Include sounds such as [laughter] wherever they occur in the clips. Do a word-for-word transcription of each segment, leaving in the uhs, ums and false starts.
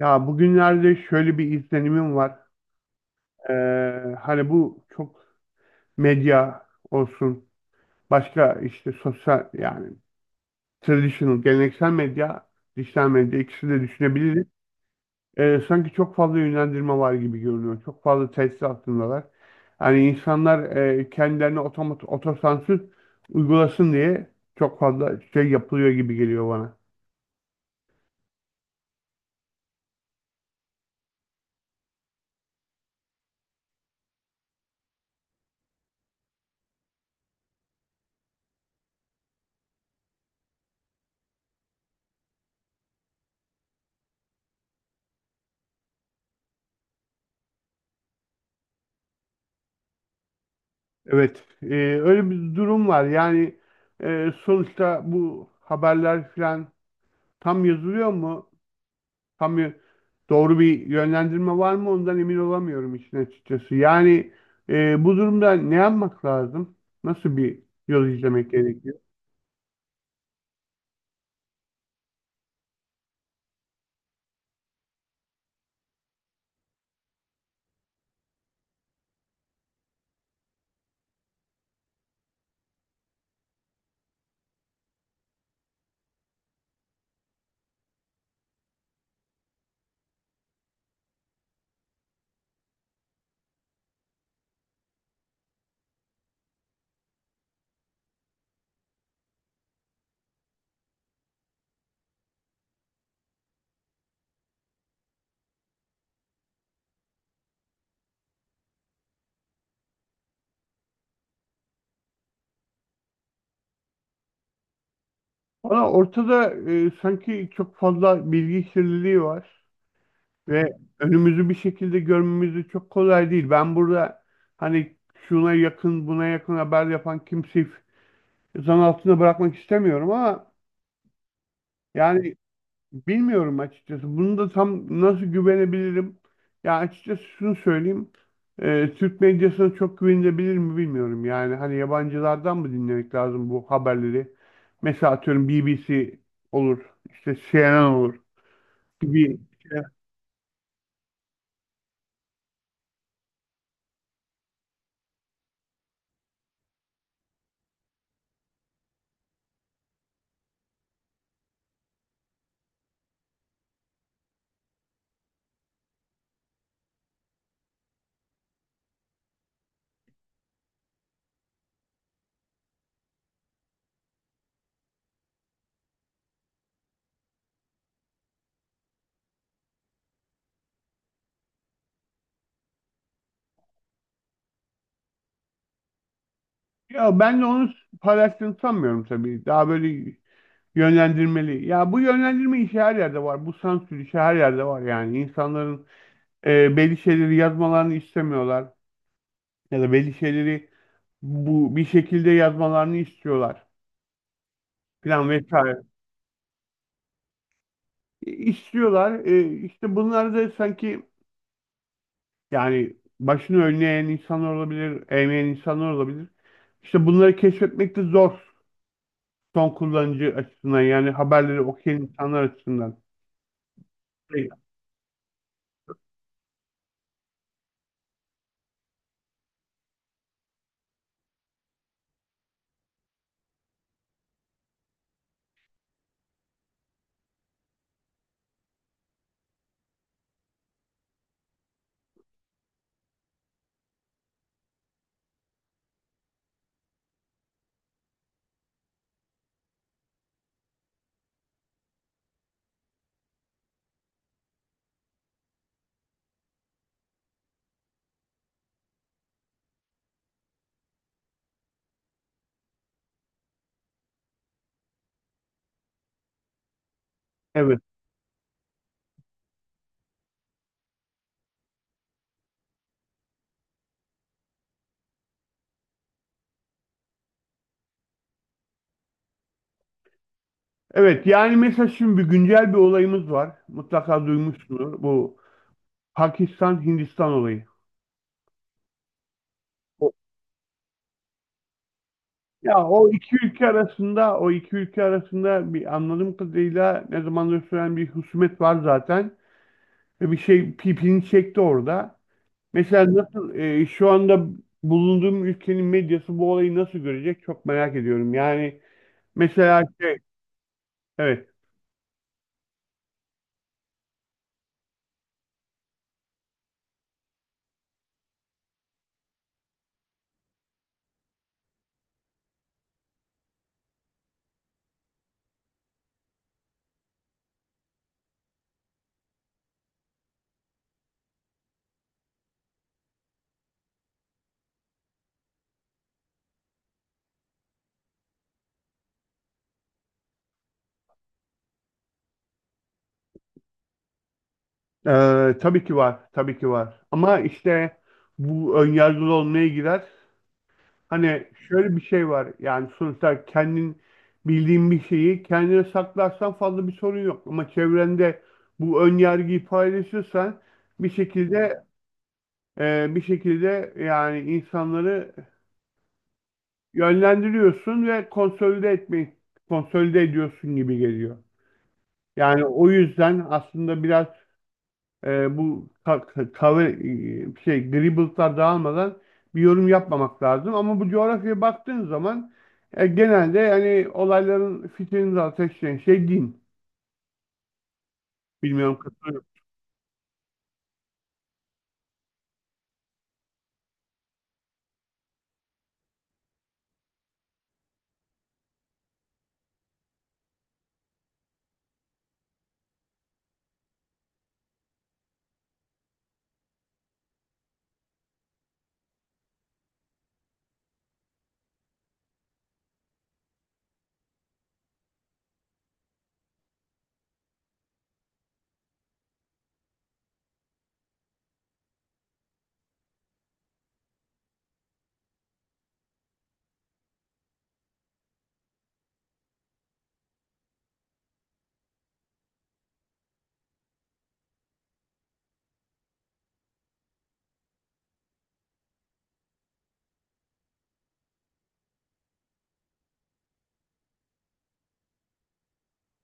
Ya bugünlerde şöyle bir izlenimim var. Ee, hani bu çok medya olsun, başka işte sosyal yani traditional, geleneksel medya, dijital medya ikisini de düşünebiliriz. Ee, sanki çok fazla yönlendirme var gibi görünüyor. Çok fazla tesir altındalar. Hani insanlar e, kendilerine otomat otosansür uygulasın diye çok fazla şey yapılıyor gibi geliyor bana. Evet, e, öyle bir durum var. Yani e, sonuçta bu haberler filan tam yazılıyor mu? Tam y- doğru bir yönlendirme var mı? Ondan emin olamıyorum işin açıkçası. Yani e, bu durumda ne yapmak lazım? Nasıl bir yol izlemek gerekiyor? Valla ortada e, sanki çok fazla bilgi kirliliği var ve önümüzü bir şekilde görmemiz de çok kolay değil. Ben burada hani şuna yakın buna yakın haber yapan kimseyi f- zan altında bırakmak istemiyorum ama yani bilmiyorum açıkçası. Bunu da tam nasıl güvenebilirim? Ya açıkçası şunu söyleyeyim. Ee, Türk medyasına çok güvenilebilir mi bilmiyorum. Yani hani yabancılardan mı dinlemek lazım bu haberleri? Mesela atıyorum B B C olur, işte C N N olur gibi şeyler. Ya ben de onu paylaştığını sanmıyorum tabii. Daha böyle yönlendirmeli. Ya bu yönlendirme işi her yerde var. Bu sansür işi her yerde var yani. İnsanların e, belli şeyleri yazmalarını istemiyorlar. Ya da belli şeyleri bu bir şekilde yazmalarını istiyorlar filan vesaire. E, İstiyorlar. E, işte bunlar da sanki yani başını önüne eğen insanlar olabilir, eğmeyen insanlar olabilir. İşte bunları keşfetmek de zor son kullanıcı açısından yani haberleri okuyan insanlar açısından. Evet. Evet. Evet, yani mesela şimdi bir güncel bir olayımız var. Mutlaka duymuşsunuz bu Pakistan-Hindistan olayı. Ya o iki ülke arasında o iki ülke arasında bir anladığım kadarıyla ne zamandır süren bir husumet var zaten ve bir şey pipini çekti orada. Mesela nasıl e, şu anda bulunduğum ülkenin medyası bu olayı nasıl görecek çok merak ediyorum. Yani mesela şey evet, e, tabii ki var, tabii ki var ama işte bu önyargılı olmaya girer. Hani şöyle bir şey var yani sonuçta kendin bildiğin bir şeyi kendine saklarsan fazla bir sorun yok. Ama çevrende bu ön yargıyı paylaşırsan bir şekilde e, bir şekilde yani insanları yönlendiriyorsun ve konsolide etmeyi konsolide ediyorsun gibi geliyor. Yani o yüzden aslında biraz e, bu ka- ka- cover e, şey dribble'lar dağılmadan bir yorum yapmamak lazım. Ama bu coğrafyaya baktığın zaman e, genelde yani olayların fitilini de ateşleyen şey din. Bilmiyorum katılıyor.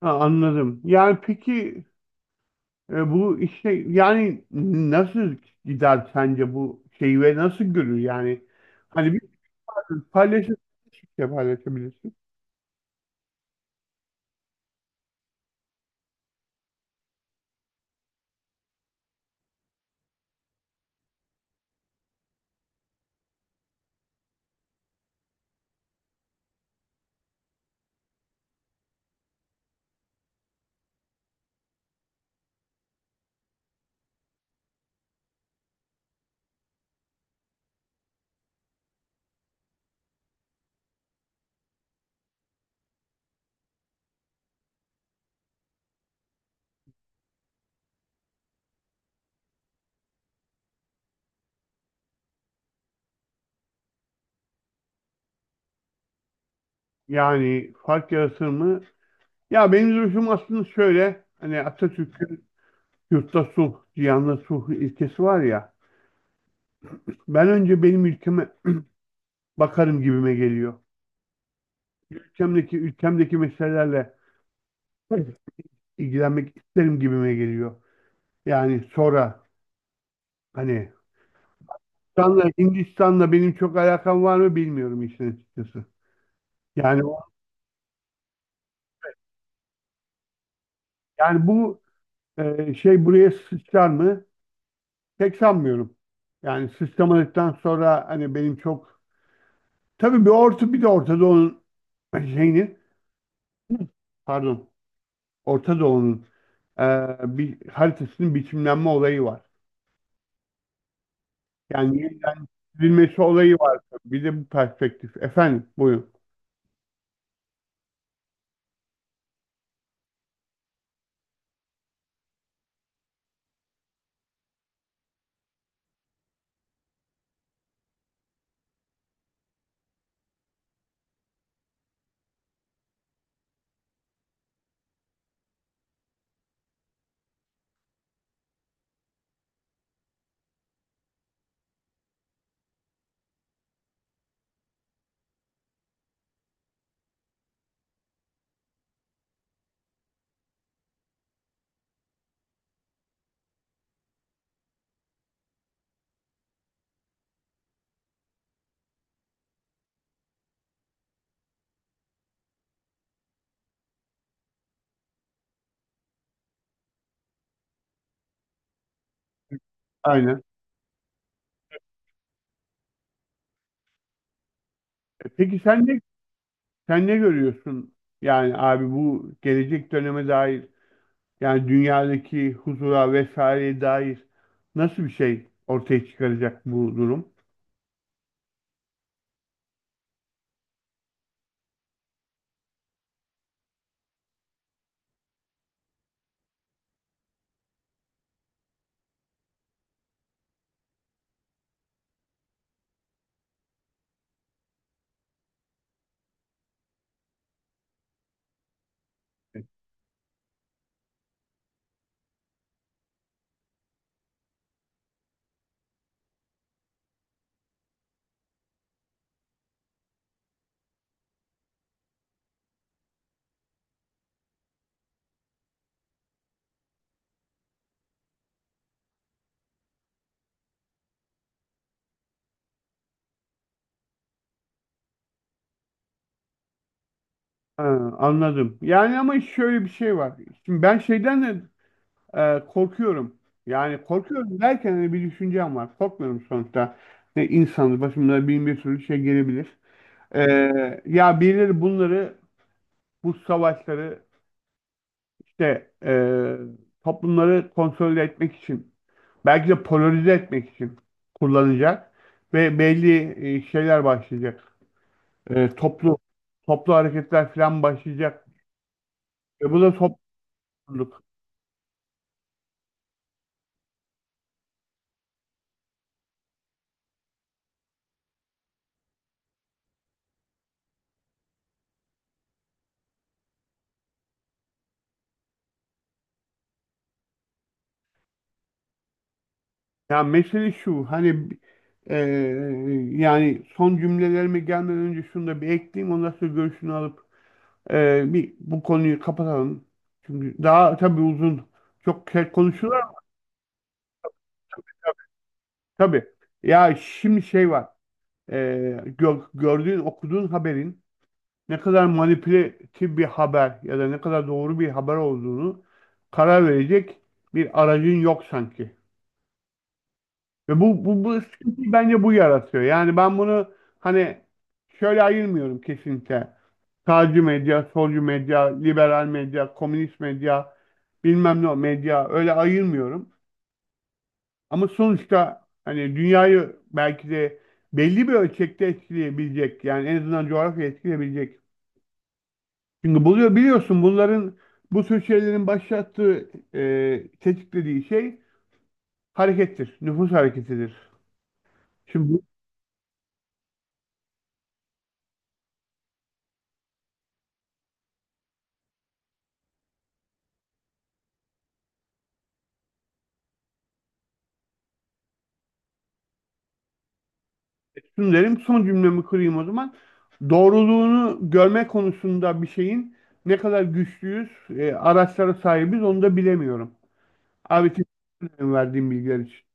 Ha, anladım. Yani peki e, bu işte yani nasıl gider sence bu şeyi ve nasıl görür yani? Hani bir paylaşır, paylaşabilirsin. Yani fark yaratır mı? Ya benim duruşum aslında şöyle. Hani Atatürk'ün yurtta sulh, cihanda sulh ilkesi var ya. Ben önce benim ülkeme [clears throat] bakarım gibime geliyor. Ülkemdeki ülkemdeki meselelerle ilgilenmek isterim gibime geliyor. Yani sonra hani Hindistan'la, Hindistan'la benim çok alakam var mı bilmiyorum işin açıkçası. Yani yani bu e, şey buraya sıçrar mı? Pek sanmıyorum. Yani sıçramadıktan sonra hani benim çok tabii bir orta bir de Orta Doğu'nun şeyini pardon, Orta Doğu'nun e, bir haritasının biçimlenme olayı var. Yani yeniden çizilmesi olayı var. Bir de bu perspektif. Efendim, buyurun. Aynen. E, Peki sen ne, sen ne görüyorsun? Yani abi bu gelecek döneme dair yani dünyadaki huzura vesaireye dair nasıl bir şey ortaya çıkaracak bu durum? Ha, anladım. Yani ama şöyle bir şey var. Şimdi ben şeyden de e, korkuyorum. Yani korkuyorum derken hani bir düşüncem var. Korkmuyorum sonuçta. Ne insanız, başımıza bin bir sürü şey gelebilir. E, Ya birileri bunları, bu savaşları, işte e, toplumları konsolide etmek için belki de polarize etmek için kullanacak ve belli e, şeyler başlayacak. E, toplu Toplu hareketler falan başlayacak. E, bu da topluluk. Ya mesele şu hani eee, yani son cümlelerime gelmeden önce şunu da bir ekleyeyim, ondan sonra görüşünü alıp eee, bir bu konuyu kapatalım. Çünkü daha tabii uzun çok şey konuşurlar ama tabii. Ya şimdi şey var, eee, gör- gördüğün okuduğun haberin ne kadar manipülatif bir haber ya da ne kadar doğru bir haber olduğunu karar verecek bir aracın yok sanki. Ve bu, bu, bu sıkıntıyı bence bu yaratıyor. Yani ben bunu hani şöyle ayırmıyorum kesinlikle. Sağcı medya, solcu medya, liberal medya, komünist medya, bilmem ne medya, öyle ayırmıyorum. Ama sonuçta hani dünyayı belki de belli bir ölçekte etkileyebilecek, yani en azından coğrafya etkileyebilecek. Çünkü buluyor biliyorsun bunların, bu tür şeylerin başlattığı e, tetiklediği şey harekettir, nüfus hareketidir. Şimdi Şunu derim, son cümlemi kırayım o zaman. Doğruluğunu görme konusunda bir şeyin ne kadar güçlüyüz, e, araçlara sahibiz onu da bilemiyorum. Abi teşekkür ederim verdiğim bilgiler için.